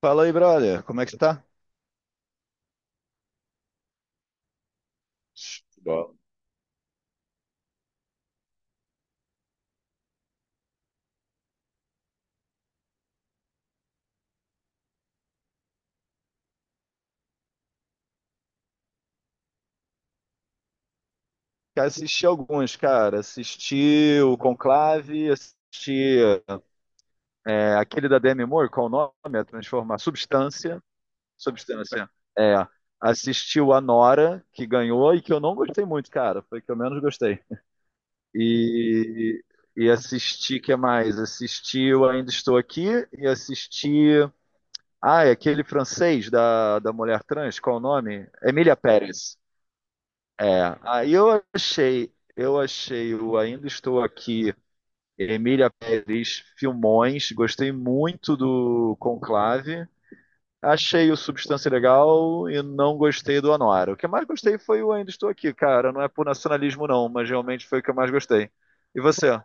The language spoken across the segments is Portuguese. Fala aí, brother. Como é que você tá? Bom, cara, assisti alguns, cara. Assisti o Conclave, assisti aquele da Demi Moore, qual o nome? A Transformar Substância. Substância. É. Assisti o Anora, que ganhou e que eu não gostei muito, cara. Foi o que eu menos gostei. E, e assisti, que mais? Assisti o Ainda Estou Aqui e assisti. Ah, é aquele francês da mulher trans, qual o nome? Emília Pérez. É, aí eu achei o Ainda Estou Aqui, Emília Pérez, filmões, gostei muito do Conclave, achei o Substância legal e não gostei do Anora. O que eu mais gostei foi o Ainda Estou Aqui, cara, não é por nacionalismo não, mas realmente foi o que eu mais gostei. E você?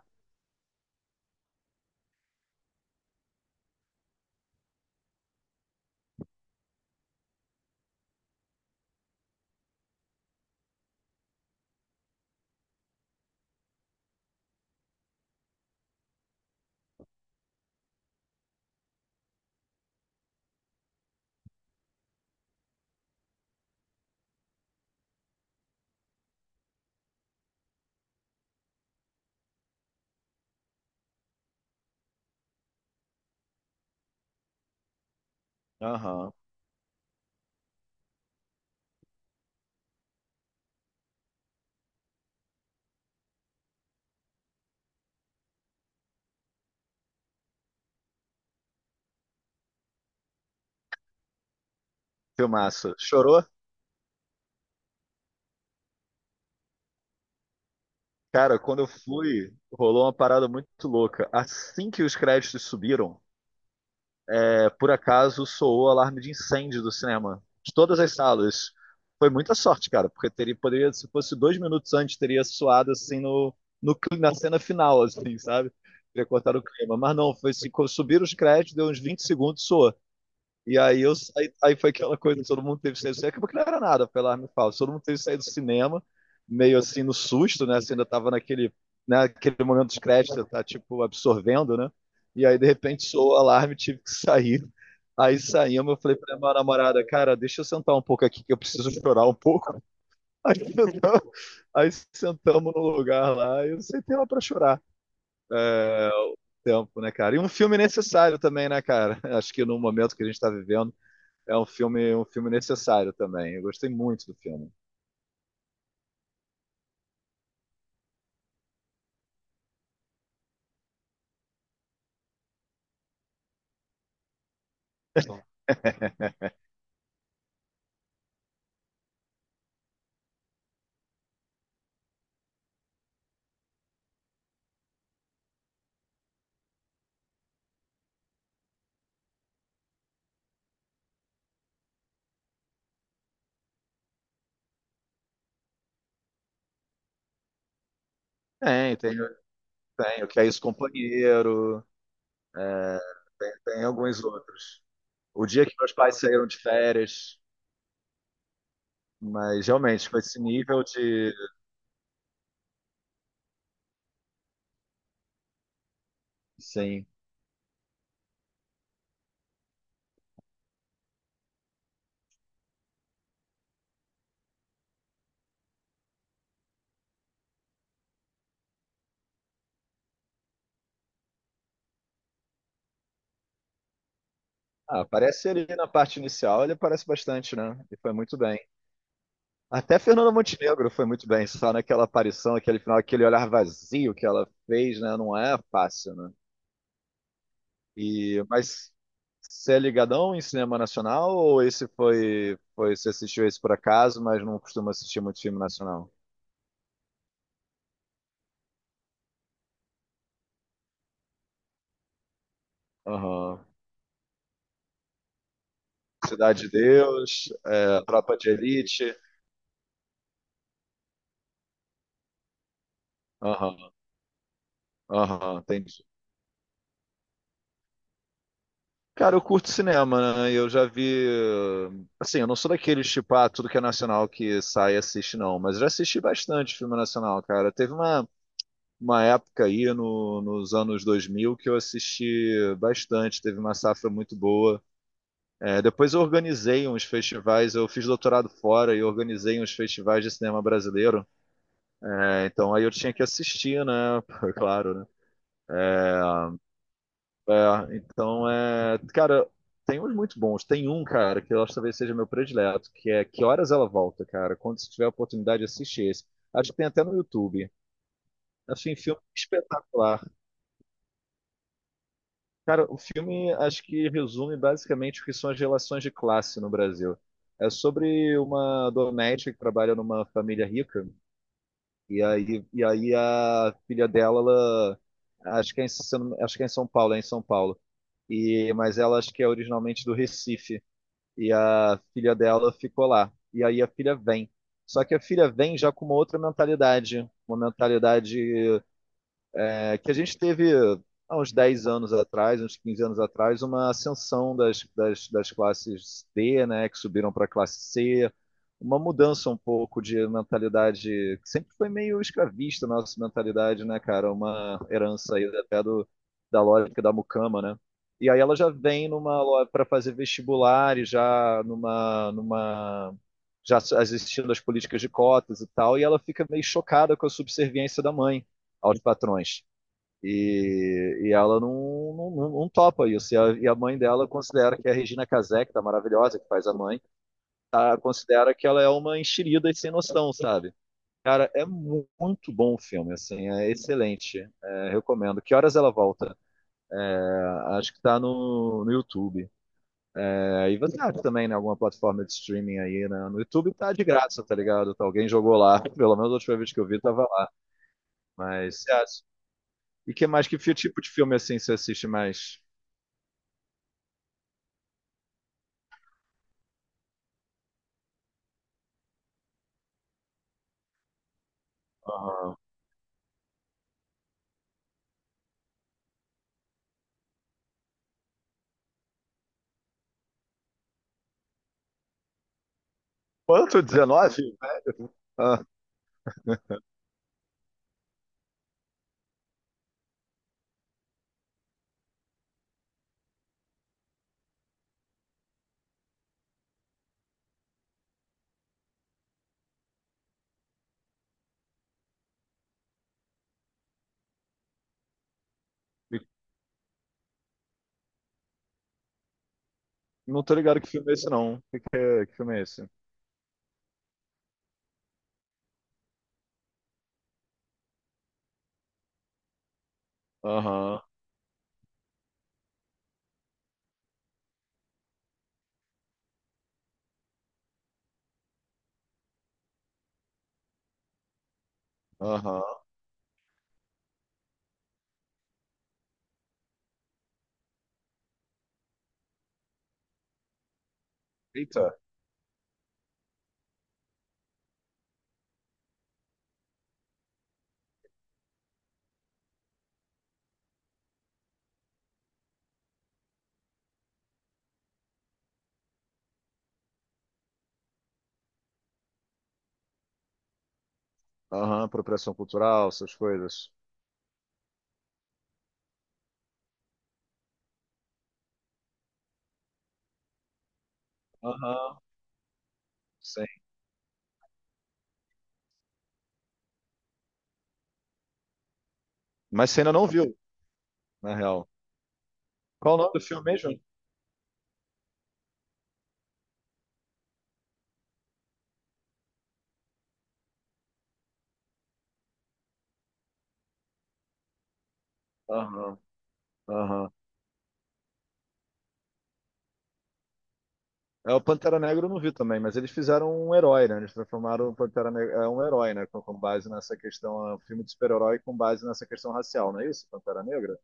Aham, filmaço. Chorou? Cara, quando eu fui, rolou uma parada muito louca. Assim que os créditos subiram, por acaso soou o alarme de incêndio do cinema, de todas as salas. Foi muita sorte, cara, porque teria, poderia, se fosse 2 minutos antes, teria soado assim no, no, cli- na cena final, assim, sabe? Teria cortado o clima. Mas não, foi assim, subiram os créditos, deu uns 20 segundos, soou. E aí eu saí, aí foi aquela coisa, que todo mundo teve saído do cinema, acabou que não era nada, pela arma e fala, todo mundo teve que sair do cinema, meio assim no susto, né? Você ainda tava naquele momento dos créditos você tá tipo absorvendo, né? E aí de repente soou o alarme, tive que sair. Aí saímos, eu falei pra minha namorada, cara, deixa eu sentar um pouco aqui que eu preciso chorar um pouco. Aí sentamos, aí sentamos no lugar lá e eu sentei lá pra chorar. É, tempo, né, cara? E um filme necessário também, né, cara? Acho que no momento que a gente tá vivendo é um filme necessário também. Eu gostei muito do filme. Bom. Tem, tem, tem o que é isso, companheiro. É, tem alguns outros. O dia que meus pais saíram de férias, mas realmente com esse nível de, sim. Ah, aparece ele na parte inicial, ele aparece bastante, né? E foi muito bem. Até Fernanda Montenegro foi muito bem, só naquela aparição, aquele final, aquele olhar vazio que ela fez, né? Não é fácil, né? E, mas você é ligadão em cinema nacional ou esse foi você assistiu esse por acaso, mas não costuma assistir muito filme nacional? Aham. Cidade de Deus, Tropa de Elite. Aham, aham, entendi. Cara, eu curto cinema, né? Eu já vi. Assim, eu não sou daqueles tipo, ah, tudo que é nacional que sai e assiste, não. Mas eu já assisti bastante filme nacional, cara. Teve uma época aí no, nos anos 2000 que eu assisti bastante. Teve uma safra muito boa. É, depois eu organizei uns festivais, eu fiz doutorado fora e organizei uns festivais de cinema brasileiro. É, então aí eu tinha que assistir, né? Claro, né? É, então, cara, tem uns muito bons. Tem um, cara, que eu acho que talvez seja meu predileto, que é Que Horas Ela Volta, cara. Quando você tiver a oportunidade, assiste esse. Acho que tem até no YouTube. Assim, filme espetacular. Cara, o filme acho que resume basicamente o que são as relações de classe no Brasil. É sobre uma doméstica que trabalha numa família rica. E aí a filha dela, ela, acho que é em, se eu não- acho que é em São Paulo, é em São Paulo. E, mas ela acho que é originalmente do Recife. E a filha dela ficou lá. E aí a filha vem. Só que a filha vem já com uma outra mentalidade, uma mentalidade que a gente teve há uns 10 anos atrás, uns 15 anos atrás, uma ascensão das classes D, né, que subiram para a classe C, uma mudança um pouco de mentalidade, que sempre foi meio escravista a nossa mentalidade, né, cara? Uma herança aí até da lógica da mucama, né? E aí ela já vem numa para fazer vestibular e já numa já existindo as políticas de cotas e tal, e ela fica meio chocada com a subserviência da mãe aos patrões. E ela topa isso. E a mãe dela considera que a Regina Casé, que tá maravilhosa, que faz a mãe, considera que ela é uma enxerida e sem noção, sabe? Cara, é muito bom o filme, assim, é excelente. É, recomendo. Que horas ela volta? Ah, acho que tá no YouTube. É, e você acha também, né, alguma plataforma de streaming aí, né? No YouTube tá de graça, tá ligado? Tá, alguém jogou lá, pelo menos a última vez que eu vi tava lá. Mas, você acha? E que mais, que tipo de filme, assim, você assiste mais? Aham. Quanto? 19? Ah, me- não tô ligado que filme é esse, não. Que filme é esse? Aham, aham. Eita. Aham, apropriação cultural, essas coisas. Aham, sim. Mas você ainda não viu, na real. Qual o nome do filme mesmo? Aham, aham. É, o Pantera Negra eu não vi também, mas eles fizeram um herói, né? Eles transformaram o Pantera Negra é um herói, né? Com base nessa questão, é um filme de super-herói com base nessa questão racial, não é isso? Pantera Negra?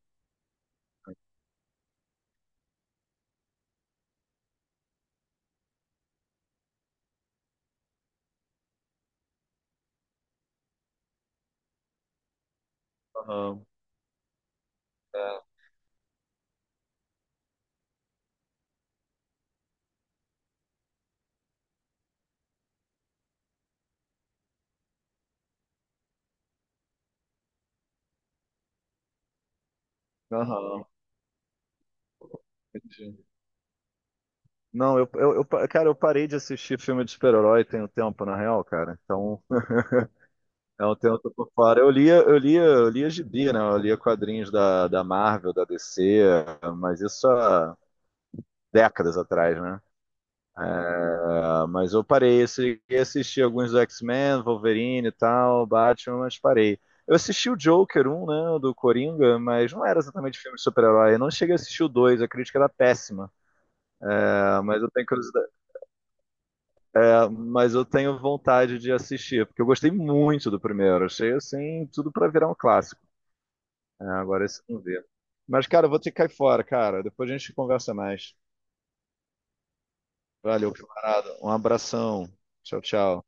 Aham, é. Aham, entendi. Não, cara, eu parei de assistir filme de super-herói tem um tempo, na real, cara. Então, é um tempo que eu tô fora. Eu lia gibi, né? Eu lia quadrinhos da Marvel, da DC, mas isso há décadas atrás, né? É, mas eu parei, eu cheguei a assistir alguns do X-Men, Wolverine e tal, Batman, mas parei. Eu assisti o Joker um, né, do Coringa, mas não era exatamente filme de super-herói. Eu não cheguei a assistir o 2, a crítica era péssima. Ah, mas eu tenho curiosidade mas eu tenho vontade de assistir, porque eu gostei muito do primeiro. Achei assim, tudo pra virar um clássico. É, agora esse não vê. Mas, cara, eu vou ter que cair fora, cara. Depois a gente conversa mais. Valeu, camarada. Um abração. Tchau, tchau.